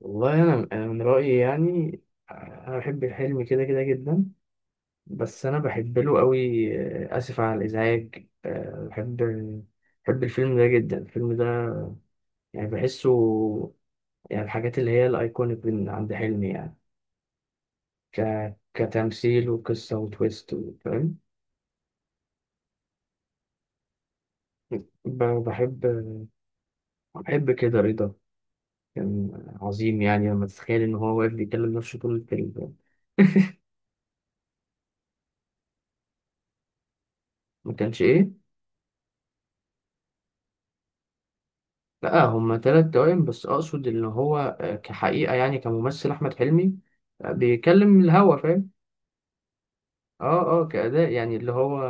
والله انا من رايي يعني. انا بحب الحلم كده كده جدا، بس انا بحب له قوي. آه، اسف على الازعاج. بحب الفيلم ده جدا، الفيلم ده يعني بحسه، يعني الحاجات اللي هي الايكونيك من عند حلمي يعني. ك كتمثيل وقصه وتويست فاهم؟ بحب. بحب كده رضا. كان عظيم يعني، لما تتخيل ان هو واقف بيكلم نفسه طول الفيلم. ما كانش ايه؟ لا، هما تلات توائم، بس أقصد إن هو كحقيقة يعني، كممثل أحمد حلمي بيكلم من الهوا، فاهم؟ اه اه، كأداء يعني اللي هو.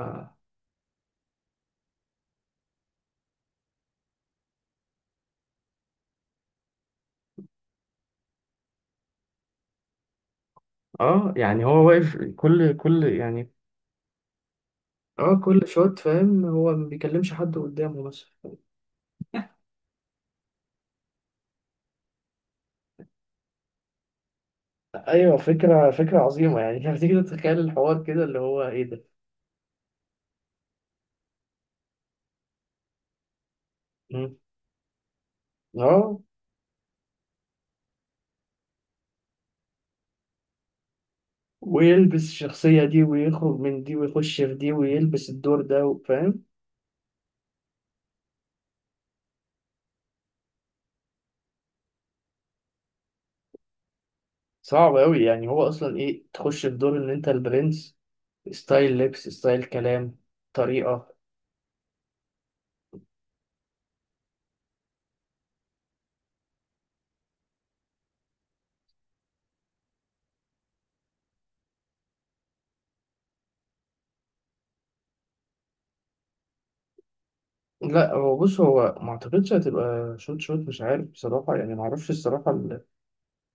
اه، يعني هو واقف كل يعني. اه، كل شوت، فاهم، هو ما بيكلمش حد قدامه مثلا. ايوه، فكرة عظيمة يعني. لما تيجي تتخيل الحوار كده، اللي هو ايه ده. مم. اه، ويلبس الشخصية دي ويخرج من دي ويخش في دي ويلبس الدور ده، فاهم؟ صعب أوي، يعني هو أصلا إيه؟ تخش في دور إن أنت البرنس، ستايل لبس، ستايل كلام، طريقة. لا، هو بص، هو ما اعتقدش هتبقى شوت شوت، مش عارف بصراحة يعني، ما اعرفش الصراحة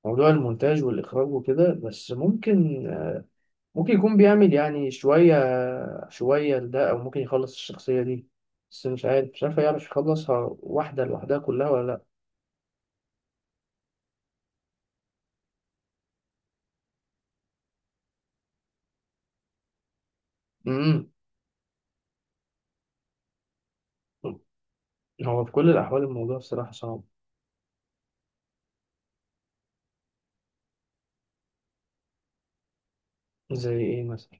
موضوع المونتاج والإخراج وكده، بس ممكن يكون بيعمل يعني شوية شوية لده، أو ممكن يخلص الشخصية دي، بس مش عارف يعرف يخلصها واحدة لوحدها كلها ولا لأ. امم هو في كل الأحوال الموضوع الصراحة صعب. زي إيه مثلا؟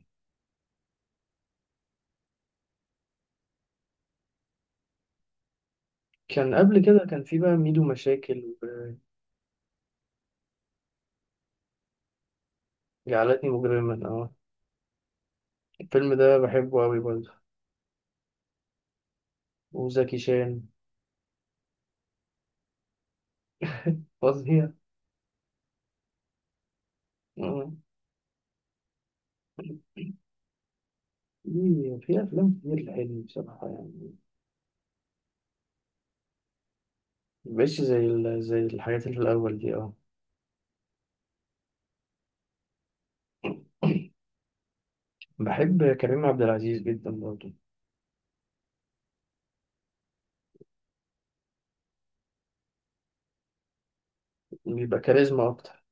كان قبل كده، كان في بقى ميدو مشاكل جعلتني مجرما، اه. الفيلم ده بحبه أوي برضه. وزكي شان. فظيع. آه. في أفلام كتير حلوة بصراحة يعني. مبقتش زي زي الحاجات اللي في الأول دي، اه. بحب كريم عبد العزيز جدا برضه. بيبقى كاريزما أكتر.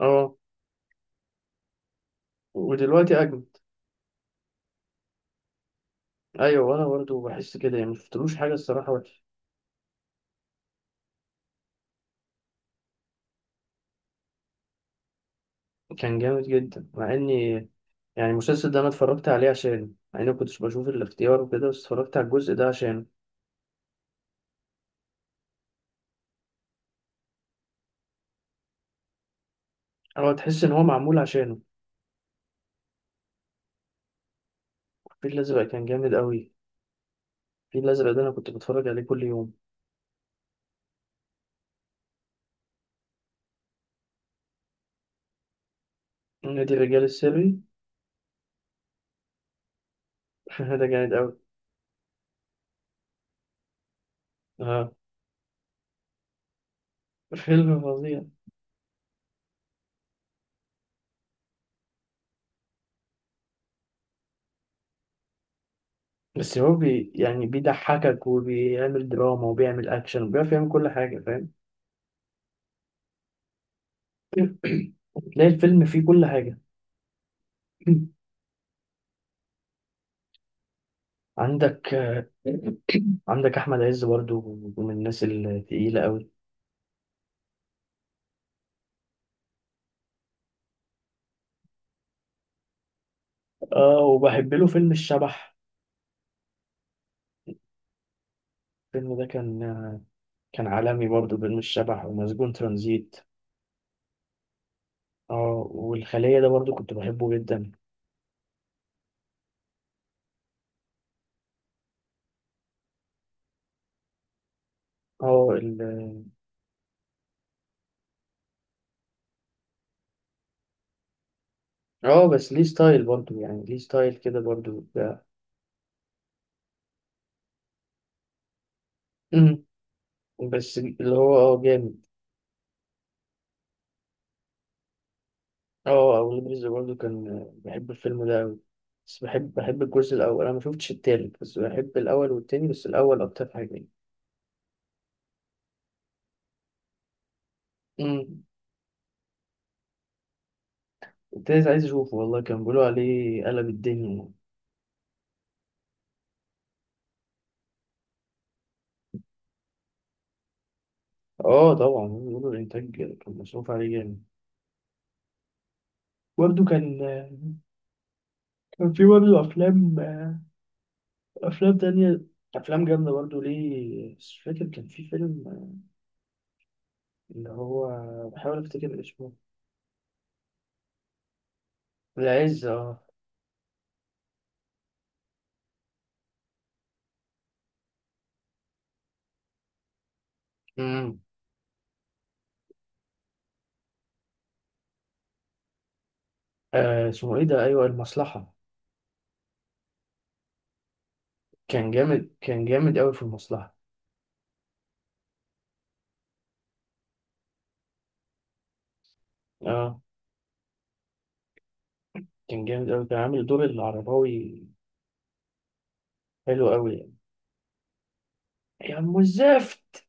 اه، ودلوقتي أجمل. أيوة، وأنا برضه بحس كده يعني، مشفتلوش حاجة الصراحة وحشة. كان جامد جدا، مع إني يعني المسلسل ده أنا اتفرجت عليه عشان، مع إني كنتش بشوف الاختيار وكده، بس اتفرجت على الجزء ده عشانه. هو تحس إن هو معمول عشانه. الفيل الأزرق كان جامد أوي. الفيل الأزرق ده أنا كنت بتفرج عليه كل يوم. نادي الرجال السري. ده جامد أوي. اه، فيلم فظيع. بس هو يعني بيضحكك وبيعمل دراما وبيعمل أكشن وبيعرف يعمل كل حاجة، فاهم؟ تلاقي الفيلم فيه كل حاجة. عندك آه، عندك أحمد عز برضو، من الناس الثقيلة أوي. اه، وبحب له فيلم الشبح. الفيلم ده كان عالمي برضو، فيلم الشبح ومسجون ترانزيت. اه، والخلية ده برضو كنت بحبه جدا. اه اه، بس ليه ستايل برضو يعني، ليه ستايل كده برضو وبتاع. مم. بس اللي هو جامد. اه، أولاد رزق برضو كان بحب الفيلم ده أوي، بس بحب الجزء الأول. أنا ما شفتش التالت، بس بحب الأول والتاني، بس الأول أكتر حاجة يعني. مم. التالت عايز أشوفه والله. كان بيقولوا عليه قلب الدنيا يعني. اه طبعا، بيقولوا الإنتاج كان مصروف عليه جامد. برضو كان في برضو أفلام تانية، أفلام جامدة برضو ليه. مش فاكر، كان في فيلم اللي هو، بحاول أفتكر اسمه. العز، اه. امم اسمه ايه ده؟ ايوه، المصلحة. كان جامد، كان جامد قوي في المصلحة. اه، كان جامد قوي، كان عامل دور العرباوي، حلو قوي يعني. يا ام الزفت.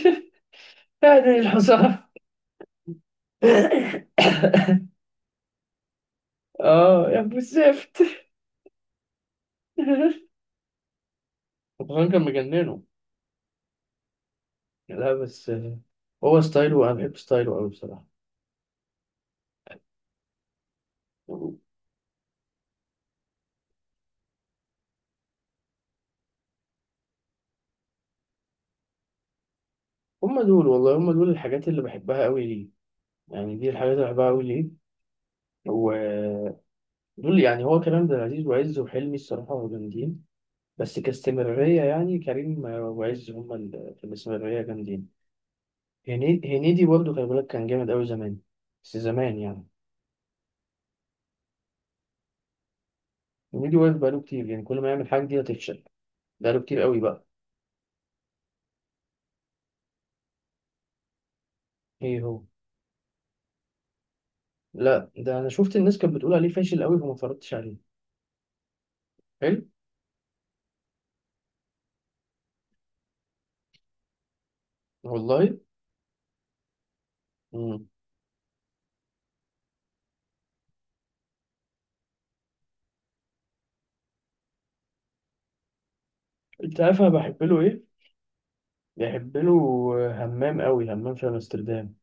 هذه الحصان. اه، يا ام الزفت. الحصان كان مجننه. لا بس هو ستايله، انا بحب ستايله قوي بصراحة. هم دول والله، هم دول الحاجات اللي بحبها قوي ليه، يعني دي الحاجات اللي بحبها قوي ليه. دول يعني، هو كريم عبد العزيز وعز وحلمي، الصراحة جامدين، بس كاستمرارية يعني، كريم وعز هما اللي في الاستمرارية جامدين. هنيدي، هنيدي برضه خلي بالك كان جامد أوي زمان، بس زمان يعني. هنيدي واقف بقاله كتير يعني، كل ما يعمل حاجة دي هتفشل. بقاله كتير أوي بقى. إيه هو؟ لا، ده أنا شفت الناس كانت بتقول عليه فاشل أوي فما اتفرجتش عليه. حلو والله. مم. أنت عارف أنا بحب له إيه؟ بحب له همام أوي، همام في أمستردام،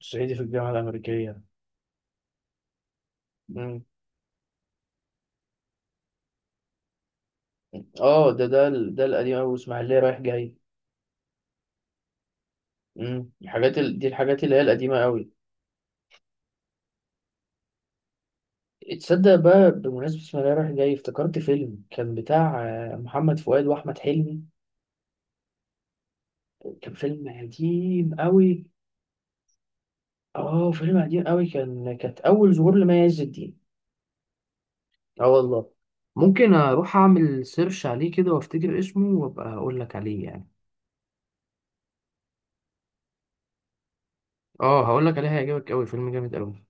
صعيدي في الجامعة الأمريكية. مم. اه، ده القديم قوي، اسماعيليه رايح جاي. الحاجات دي الحاجات اللي هي القديمه قوي. تصدق بقى، بمناسبه اسماعيليه رايح جاي افتكرت فيلم كان بتاع محمد فؤاد واحمد حلمي، كان فيلم قديم قوي. اه، فيلم قديم قوي، كانت اول ظهور لمي عز الدين. اه والله، ممكن اروح اعمل سيرش عليه كده وافتكر اسمه وابقى اقول لك عليه يعني. اه، هقول لك عليه، هيعجبك قوي، فيلم جامد قوي.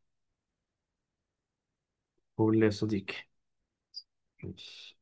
قول لي يا صديقي. ماشي.